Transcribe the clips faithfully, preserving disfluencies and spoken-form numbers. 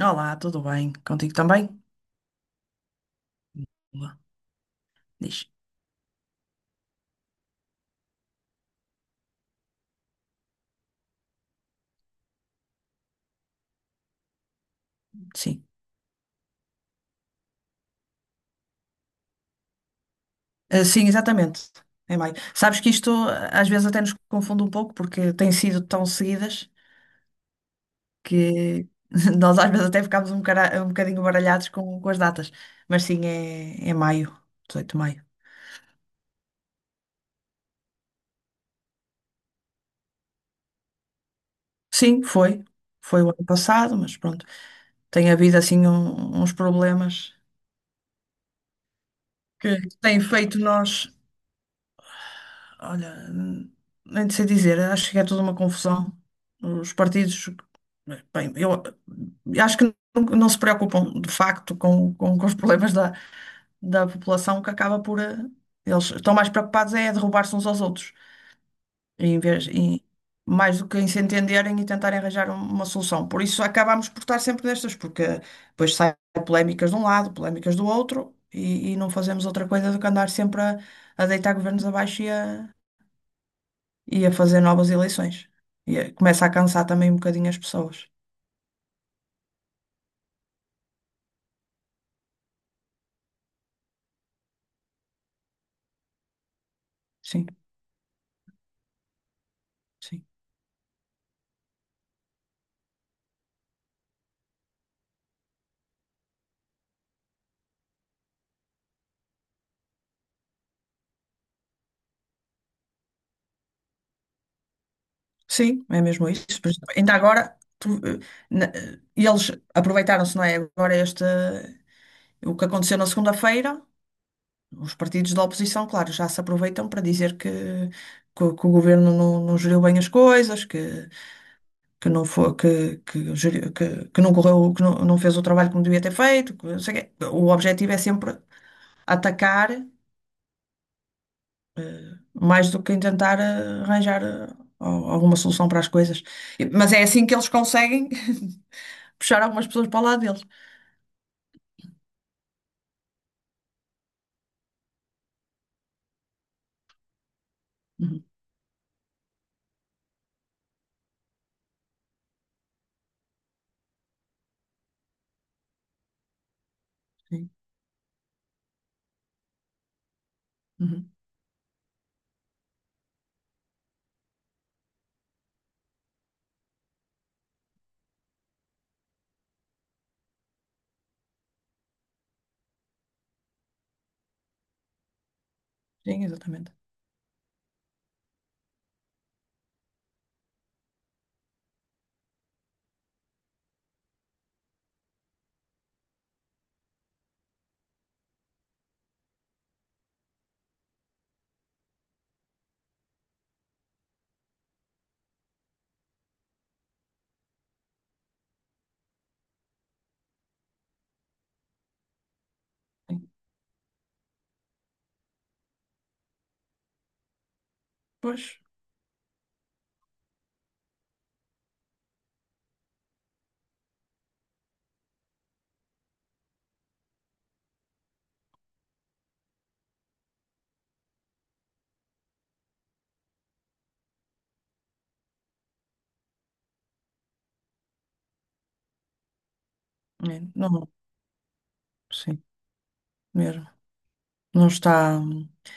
Olá, tudo bem? Contigo também? Boa. Diz. Sim. Ah, sim, exatamente. Em maio. Sabes que isto eh, às vezes até nos confunde um pouco porque têm sido tão seguidas que nós às vezes até ficamos um, cara- um bocadinho baralhados com, com as datas. Mas sim, é, é maio, dezoito de maio. Sim, foi. Foi o ano passado, mas pronto. Tem havido assim um- uns problemas que têm feito nós. Olha, hum, nem sei dizer, acho que é toda uma confusão. Os partidos, bem, eu acho que não, não se preocupam de facto com, com, com os problemas da, da população, que acaba por. eh, Eles estão mais preocupados é derrubar-se uns aos outros, em vez, em- mais do que em se entenderem e tentarem arranjar um- uma solução. Por isso acabamos por estar sempre nestas, porque depois saem polémicas de um lado, polémicas do outro, e, e não fazemos outra coisa do que andar sempre a, a deitar governos abaixo e a fazer novas eleições. E eh, começa a cansar também um bocadinho as pessoas. Sim, sim. Sim, é mesmo isso. Por isso, ainda agora, tu, eh, na- eh, eles aproveitaram-se, não é? Agora este, eh, o que aconteceu na segunda-feira, os partidos da oposição, claro, já se aproveitam para dizer que, que, o que o governo não, não geriu bem as coisas, que, que não foi, que, que, geriu- que, que não correu, que não, não fez o trabalho como devia ter feito, que não sei o quê. O objetivo é sempre atacar, mais do que em tentar eh, arranjar eh, al- alguma solução para as coisas. E- Mas é assim que eles conseguem puxar algumas pessoas para o lado deles. Uhum. Sim. Uhum. Sim, exatamente. Sim. Pois. É. Não, sim, mesmo. Não está, não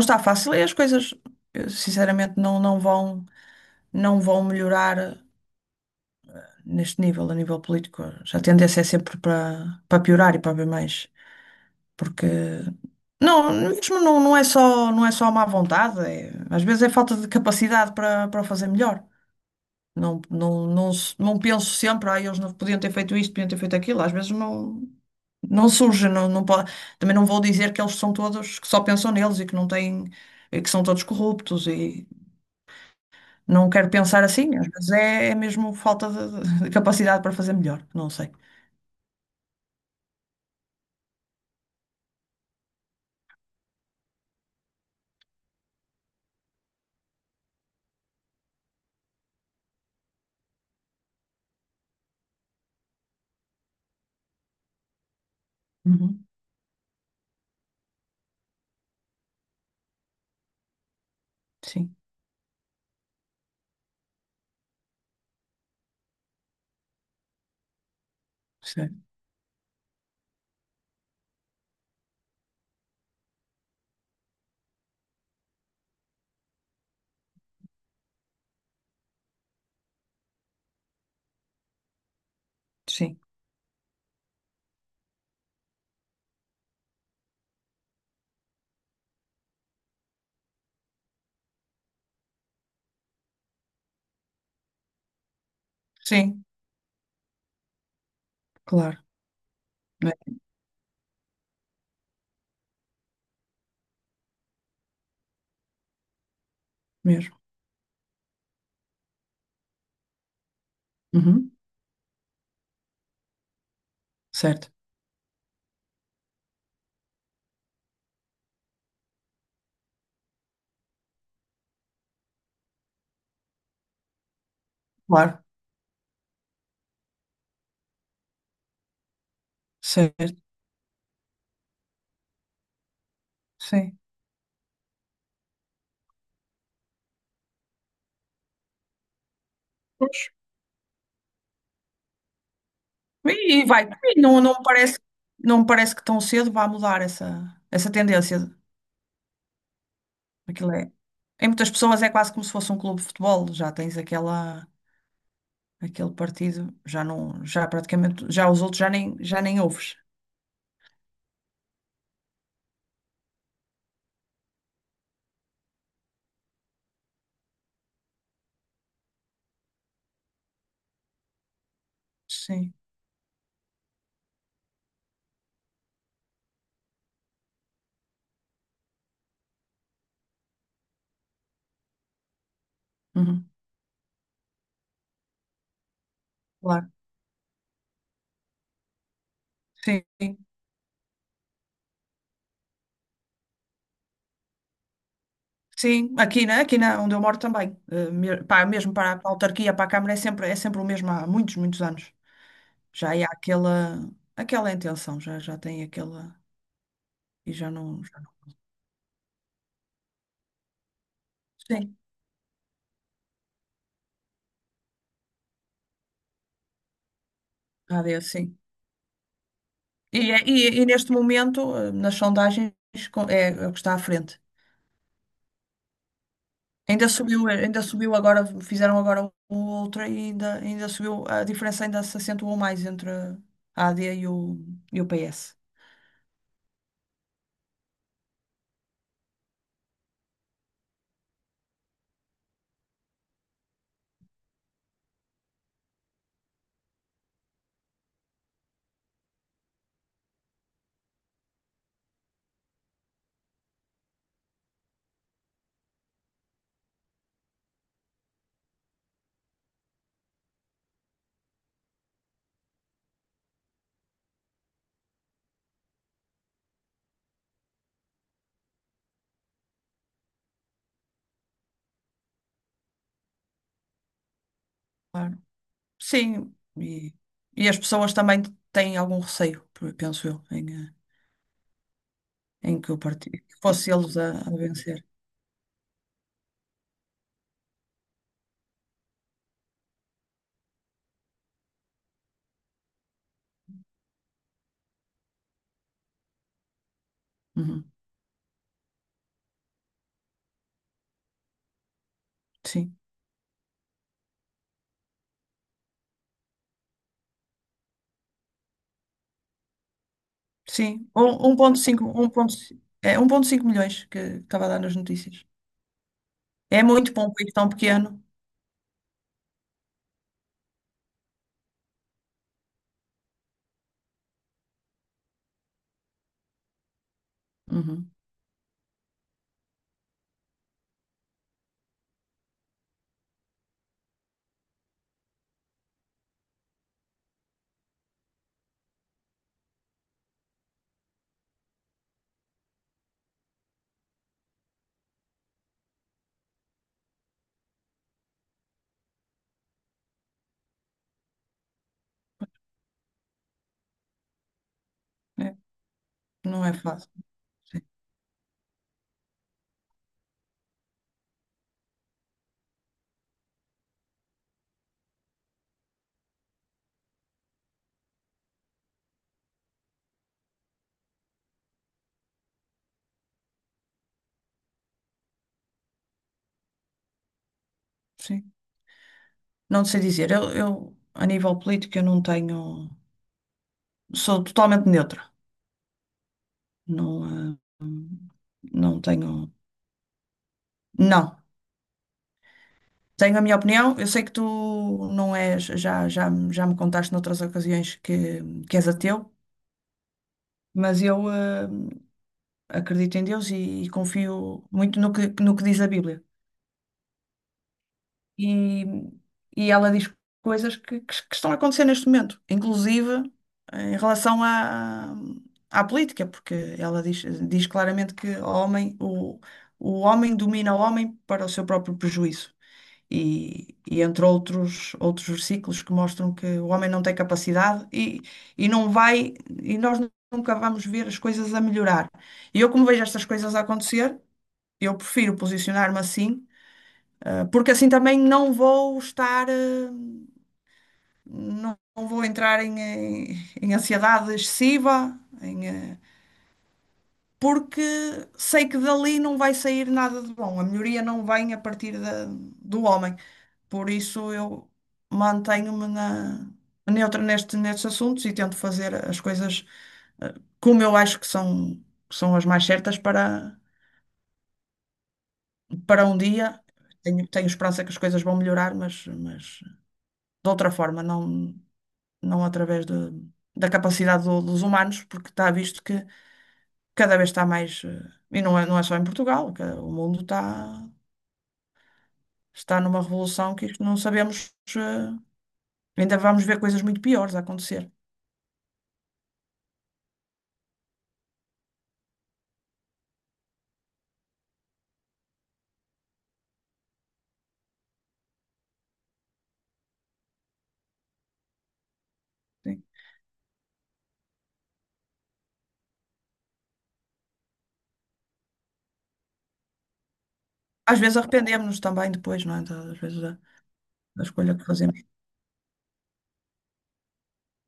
está fácil e as coisas, eh, sinceramente, não, não vão, não vão melhorar eh, neste nível, a nível político. Já a tendência é sempre para, para piorar e para haver mais. Porque não, mesmo não, não é só, não é só má vontade, é- às vezes é falta de capacidade para, para o fazer melhor. Não, não, não, se- não penso sempre, ah, eles não podiam ter feito isto, podiam ter feito aquilo. Às vezes não, não surge, não, não pode, também não vou dizer que eles são todos, que só pensam neles e que não têm, e que são todos corruptos e não quero pensar assim. Às vezes é, é mesmo falta de, de capacidade para fazer melhor, não sei. Uhum. Sim, sim, sim, sim, claro, é mesmo. Uhum. Certo, claro, certo, sim. Pois. E, e vai, e não, não me parece, não me parece que tão cedo vá mudar essa, essa tendência. Aquilo é, em muitas pessoas é quase como se fosse um clube de futebol, já tens aquela, aquele partido, já não, já praticamente, já os outros já nem, já nem ouves. Sim, uhum, claro, sim, sim, aqui, né? Aqui na, onde eu moro também. Eh, me- pá, mesmo para, para a autarquia, para a Câmara, é sempre, é sempre o mesmo há muitos, muitos anos. Já há aquela, aquela intenção, já, já tem aquela. E já não. Já não. Sim, A D, sim. E, é- e, e neste momento, eh, nas sondagens, com- é, é o que está à frente. Ainda subiu, eh, ainda subiu agora, fizeram agora outra e ainda, ainda subiu, a diferença ainda se acentuou mais entre a AD e o, e o P S. Claro. Sim, e, e as pessoas também têm algum receio, por- penso eu, em, eh, em que o partido, que fosse eles a, a vencer. Uhum. Sim. Sim, um- 1.5, um ponto cinco, é um ponto cinco milhões que estava a dar nas notícias. É muito para um país tão pequeno. Uhum. É, não é fácil. Sim, sim. Não sei dizer. Eu, eu, a nível político, eu não tenho. Sou totalmente neutra. Não, eh, não tenho. Não. Tenho a minha opinião. Eu sei que tu não és. Já, já, já me contaste noutras ocasiões que, que és ateu, mas eu eh, acredito em Deus e confio muito no que, no que diz a Bíblia. E, e ela diz coisas que, que- que estão a acontecer neste momento, inclusive eh, em relação à, à política, porque ela diz, diz claramente que o homem, o, o homem domina o homem para o seu próprio prejuízo. E, e entre outros, outros versículos que mostram que o homem não tem capacidade e, e não vai, e nós nunca vamos ver as coisas a melhorar. E eu, como vejo estas coisas a acontecer, eu prefiro posicionar-me assim porque assim também não vou estar, eh, não não vou entrar em, em- em ansiedade excessiva, em, eh, porque sei que dali não vai sair nada de bom. A melhoria não vem a partir da- do homem. Por isso eu mantenho-me na, neutra neste, nestes assuntos e tento fazer as coisas eh, como eu acho que são, que são as mais certas para, para um dia. Tenho, tenho esperança que as coisas vão melhorar, mas, mas de outra forma, não. Não através do- da capacidade do- dos humanos, porque está visto que cada vez está mais, eh, e não é, não é só em Portugal, que o mundo está, está numa revolução que isto não sabemos, eh, ainda vamos ver coisas muito piores a acontecer. Sim. Às vezes arrependemos-nos também depois, não é? Da- Às vezes da, da escolha que fazemos.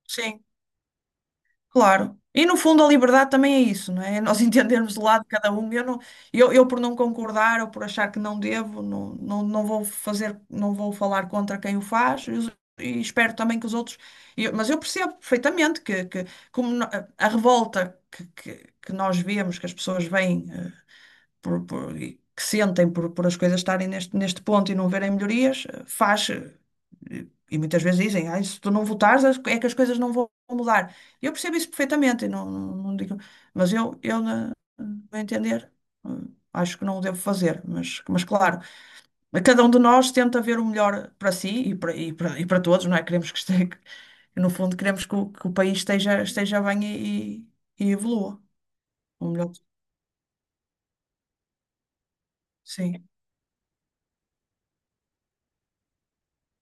Sim. Claro. E no fundo a liberdade também é isso, não é? É nós entendermos do lado de cada um. Eu, não, eu, eu por não concordar ou por achar que não devo, não, não, não vou fazer, não vou falar contra quem o faz e, os- e espero também que os outros. E eu- mas eu percebo perfeitamente que, que como no- a revolta que, que, que nós vemos, que as pessoas veem, eh, por- por- e que sentem por, por as coisas estarem neste, neste ponto e não verem melhorias, eh, faz. eh, E muitas vezes dizem: "Ai, se tu não votares, as- é que as coisas não vão mudar." Eu percebo isso perfeitamente, e não, não, não digo, mas eu, eu na, a entender, hum, acho que não o devo fazer, mas, mas claro, cada um de nós tenta ver o melhor para si e para, e para, e para todos, não é? Queremos que esteja, no fundo, queremos que o, que o país esteja, esteja bem e, e, e evolua. O melhor, sim,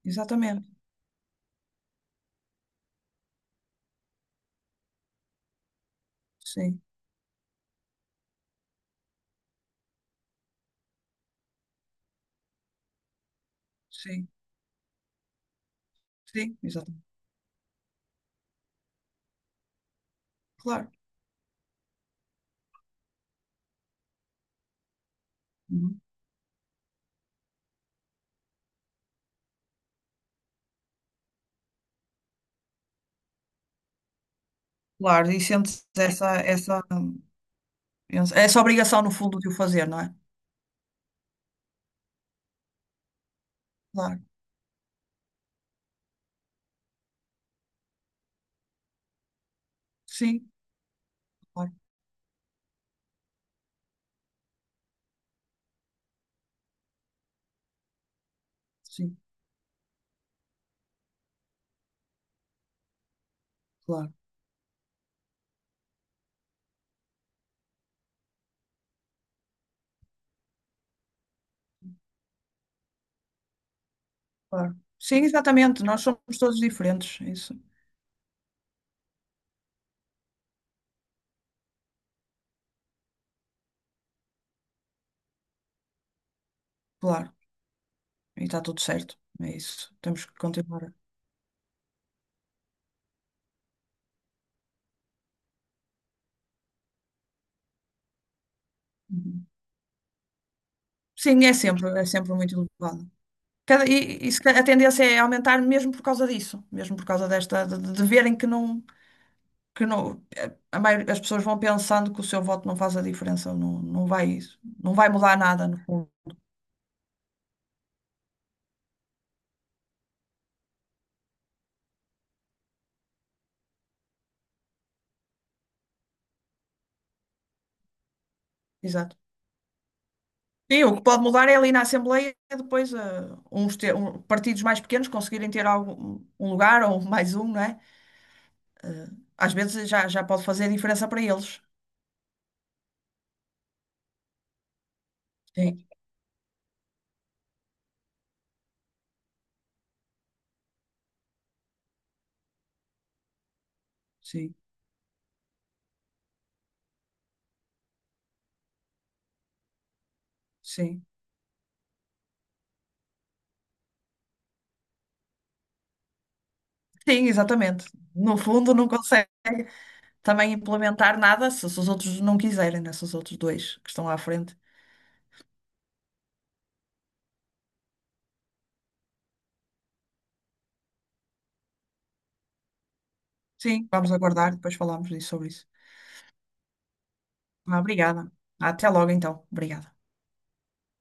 exatamente, sim. Sim, sim, exatamente. Claro. Uhum. Claro, e sentes essa, essa, essa obrigação, no fundo, de o fazer, não é? Claro, sim, claro, sim, claro, claro. Sim, exatamente, nós somos todos diferentes, é isso, claro, e está tudo certo, é isso, temos que continuar. Uhum. Sim, é sempre, é sempre muito elevado. Cada, e, e se ca- a tendência é aumentar mesmo por causa disso, mesmo por causa desta, de, de verem que não. Que não, eh, a maio- as pessoas vão pensando que o seu voto não faz a diferença, não, não vai, não vai mudar nada, no fundo. Exato. Sim, o que pode mudar é ali na Assembleia depois eh, uns ter- um- partidos mais pequenos conseguirem ter algum, um lugar ou mais um, não é? Eh, Às vezes já, já pode fazer diferença para eles. Sim, sim, sim. Sim, exatamente. No fundo, não consegue também implementar nada se, se os outros não quiserem, né? Se os outros dois que estão à frente. Sim, vamos aguardar, depois falamos disso sobre isso. Ah, obrigada. Até logo, então. Obrigada.